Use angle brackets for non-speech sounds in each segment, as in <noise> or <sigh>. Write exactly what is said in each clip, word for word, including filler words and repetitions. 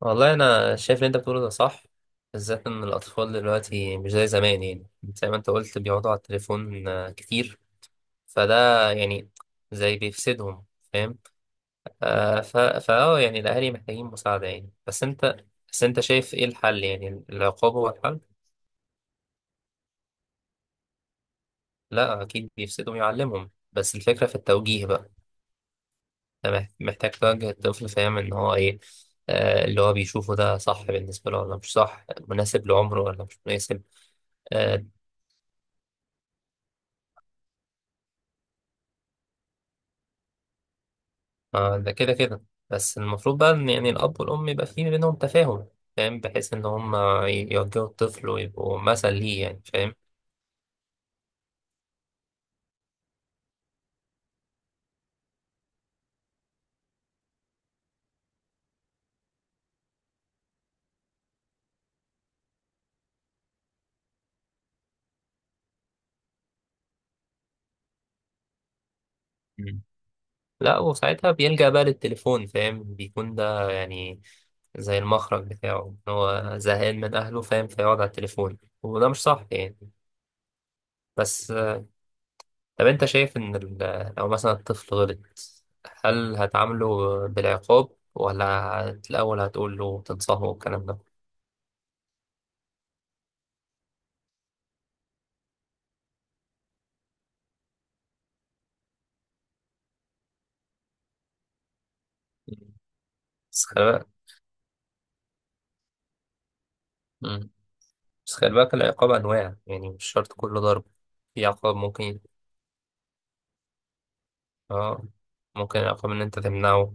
والله انا شايف اللي انت بتقوله ده صح، بالذات ان الاطفال دلوقتي مش زي زمان. يعني زي ما انت قلت بيقعدوا على التليفون آه، كتير. فده يعني زي بيفسدهم، فاهم؟ آه ف فاه يعني الاهالي محتاجين مساعده يعني. بس انت بس انت شايف ايه الحل؟ يعني العقاب هو الحل؟ لا اكيد بيفسدهم يعلمهم بس الفكره في التوجيه بقى. أنت مح- محتاج توجه الطفل، فاهم ان هو ايه آه، اللي هو بيشوفه ده صح بالنسبة له ولا مش صح، مناسب لعمره ولا مش مناسب. آه، آه، ده كده كده. بس المفروض بقى ان يعني الاب والام يبقى في بينهم تفاهم، فاهم؟ بحيث ان هم يوجهوا الطفل ويبقوا مثل ليه، يعني فاهم. مم. لا وساعتها بيلجأ بقى للتليفون، فاهم؟ بيكون ده يعني زي المخرج بتاعه إن هو زهقان من اهله، فاهم؟ فيقعد على التليفون وده مش صح يعني. بس آه، طب انت شايف ان ال- لو مثلا الطفل غلط هل هتعامله بالعقاب ولا هت- الاول هتقول له تنصحه والكلام ده؟ بس خلي بالك بس خلي بالك، العقاب أنواع يعني مش شرط كله ضرب. في عقاب ممكن، اه ممكن العقاب إن أنت تمنعه،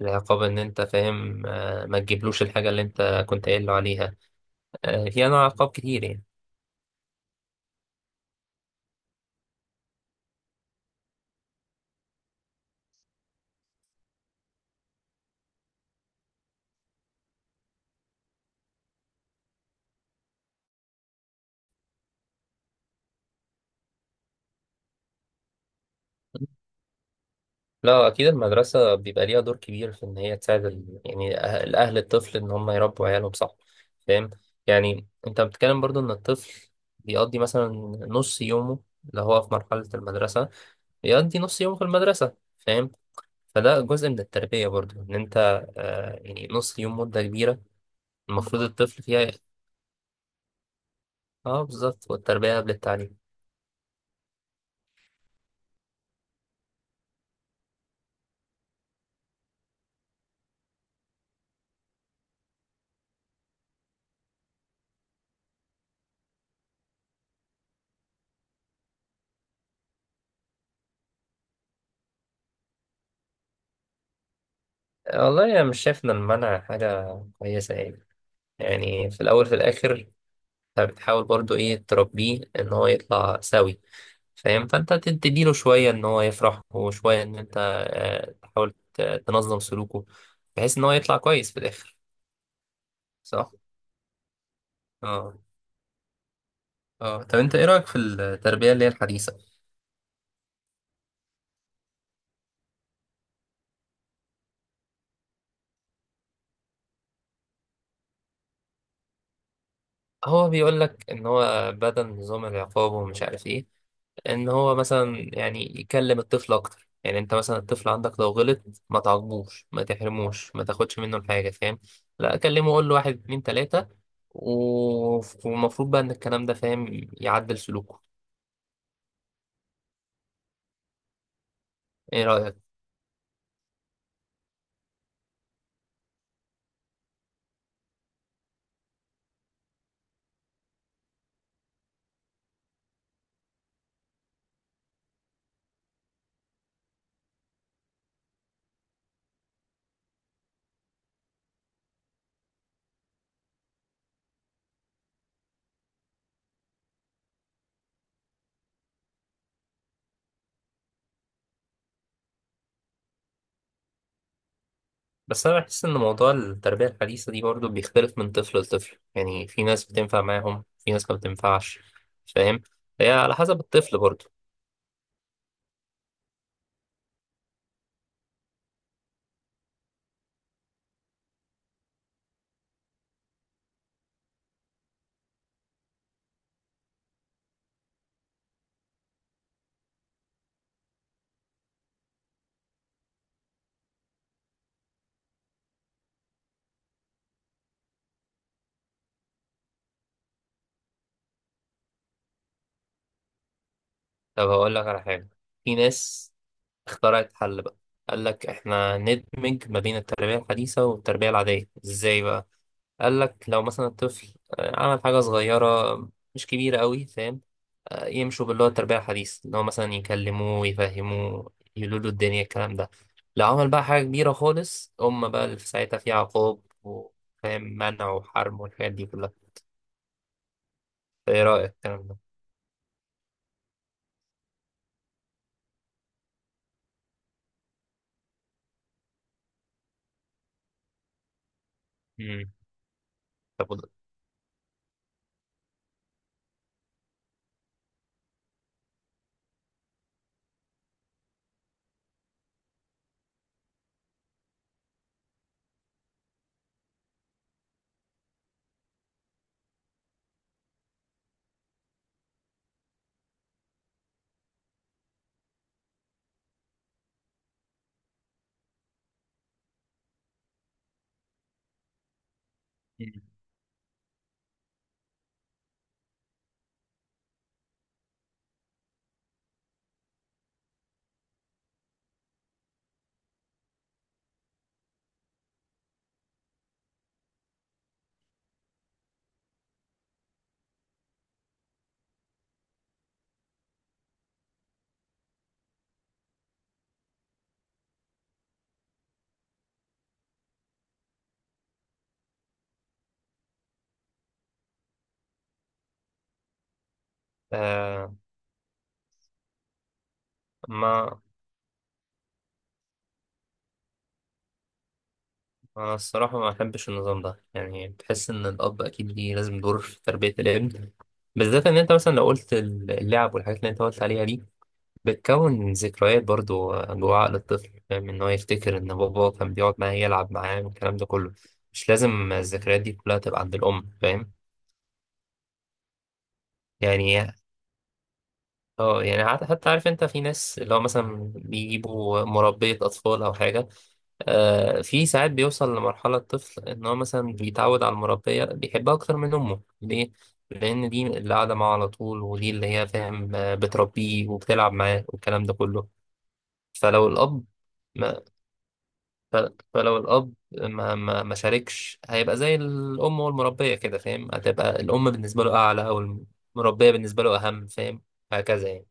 العقاب إن أنت فاهم آه ما تجيبلوش الحاجة اللي أنت كنت قايل له عليها. آه في أنواع عقاب كتير يعني. لا أكيد المدرسة بيبقى ليها دور كبير في إن هي تساعد ال... يعني الأه- الأهل، الطفل إن هم يربوا عيالهم صح، فاهم؟ يعني أنت بتتكلم برضو إن الطفل بيقضي مثلا نص يومه، اللي هو في مرحلة المدرسة بيقضي نص يومه في المدرسة، فاهم؟ فده جزء من التربية برضو. إن أنت آه يعني نص يوم مدة كبيرة المفروض الطفل فيها. اه بالظبط، والتربية قبل التعليم. آه، والله أنا مش شايف إن المنع حاجة كويسة يعني. يعني في الأول في الآخر أنت بتحاول برضو إيه تربيه إن هو يطلع سوي، فاهم؟ فأنت ت- تديله شوية إن هو يفرح وشوية إن أنت آه تحاول ت- تنظم سلوكه بحيث إن هو يطلع كويس في الآخر. صح؟ اه اه، طب أنت إيه رأيك في التربية اللي هي الحديثة؟ هو بيقول لك ان هو بدل نظام العقاب ومش عارف ايه، ان هو مثلا يعني يكلم الطفل اكتر. يعني انت مثلا الطفل عندك لو غلط ما تعاقبوش ما تحرموش ما تاخدش منه الحاجه، فاهم؟ لا اكلمه، اقول له واحد اتنين تلاته، و- والمفروض بقى ان الكلام ده فاهم يعدل سلوكه. ايه رايك؟ بس انا بحس ان موضوع التربيه الحديثه دي برضه بيختلف من طفل لطفل، يعني في ناس بتنفع معاهم في ناس ما بتنفعش، فاهم؟ هي على حسب الطفل برضه. طب هقول لك على حاجه، في ناس اخترعت حل بقى، قال لك احنا ندمج ما بين التربية الحديثة والتربية العادية. ازاي بقى؟ قال لك لو مثلا الطفل آه، عمل حاجة صغيرة مش كبيرة قوي، فاهم؟ آه، يمشوا باللي هو التربية الحديثة، اللي هو مثلا يكلموه يفهموه يقولوا له الدنيا الكلام ده. لو عمل بقى حاجة كبيرة خالص، هم بقى اللي في ساعتها في عقاب وفاهم منع وحرم والحاجات دي كلها. ايه رأيك الكلام ده؟ مم. طب وال- مم. آه ما أنا الصراحة ما أحبش النظام ده، يعني بتحس إن الأب أكيد ليه لازم دور في تربية الابن. بالذات إن أنت مثلا لو قلت اللعب والحاجات اللي أنت قلت عليها دي بتكون ذكريات برضو جوه عقل الطفل، فاهم؟ إن هو يفتكر إن بابا كان بيقعد معاه يلعب معاه والكلام ده كله. مش لازم الذكريات دي كلها تبقى عند الأم، فاهم؟ يعني اه يعني عاد- حتى عارف انت في ناس اللي هو مثلا بيجيبوا مربية أطفال أو حاجة. آه في ساعات بيوصل لمرحلة الطفل إن هو مثلا بيتعود على المربية بيحبها أكتر من أمه. ليه؟ لأن دي اللي قاعدة معاه على طول، ودي اللي هي فاهم آه، بتربيه وبتلعب معاه والكلام ده كله. فلو الأب ما ف- فلو الأب ما ما ما شاركش هيبقى زي الأم والمربية كده، فاهم؟ هتبقى الأم بالنسبة له أعلى أو المربية بالنسبة له أهم، فاهم؟ هكذا يعني.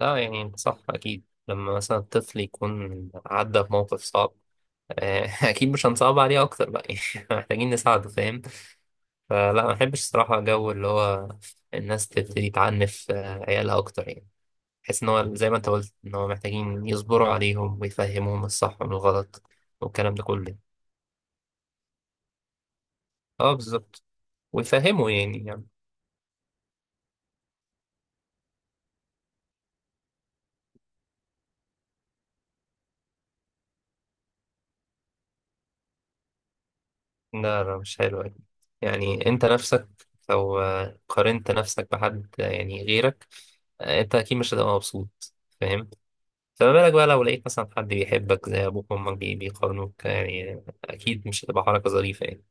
لا يعني انت صح، أكيد لما مثلا الطفل يكون عدى بموقف صعب آه، <laughs> أكيد مش هنصعب عليه أكتر بقى يعني <laughs> محتاجين نساعده، فاهم؟ فلا ما بحبش الصراحة جو اللي هو الناس تبتدي تعنف آه، عيالها أكتر يعني. بحس إن هو زي ما أنت قلت إن هو محتاجين يصبروا عليهم ويفهموهم الصح من الغلط والكلام ده كله. أه بالظبط، ويفهموا يعني يعني. لا لا مش حلو أكيد. يعني أنت نفسك لو آه، قارنت نفسك بحد آه، يعني غيرك آه، أنت أكيد مش هتبقى مبسوط، فاهم؟ فما بالك بقى لو لقيت مثلا حد بيحبك زي أبوك وأمك بي- بيقارنوك، يعني آه، أكيد مش هتبقى حركة ظريفة يعني.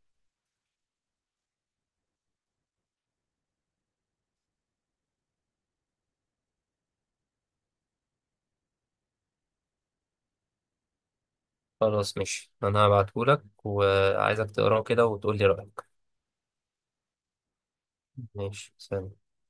خلاص ماشي، أنا هبعتهولك وعايزك تقراه كده وتقولي رأيك. ماشي، سلام.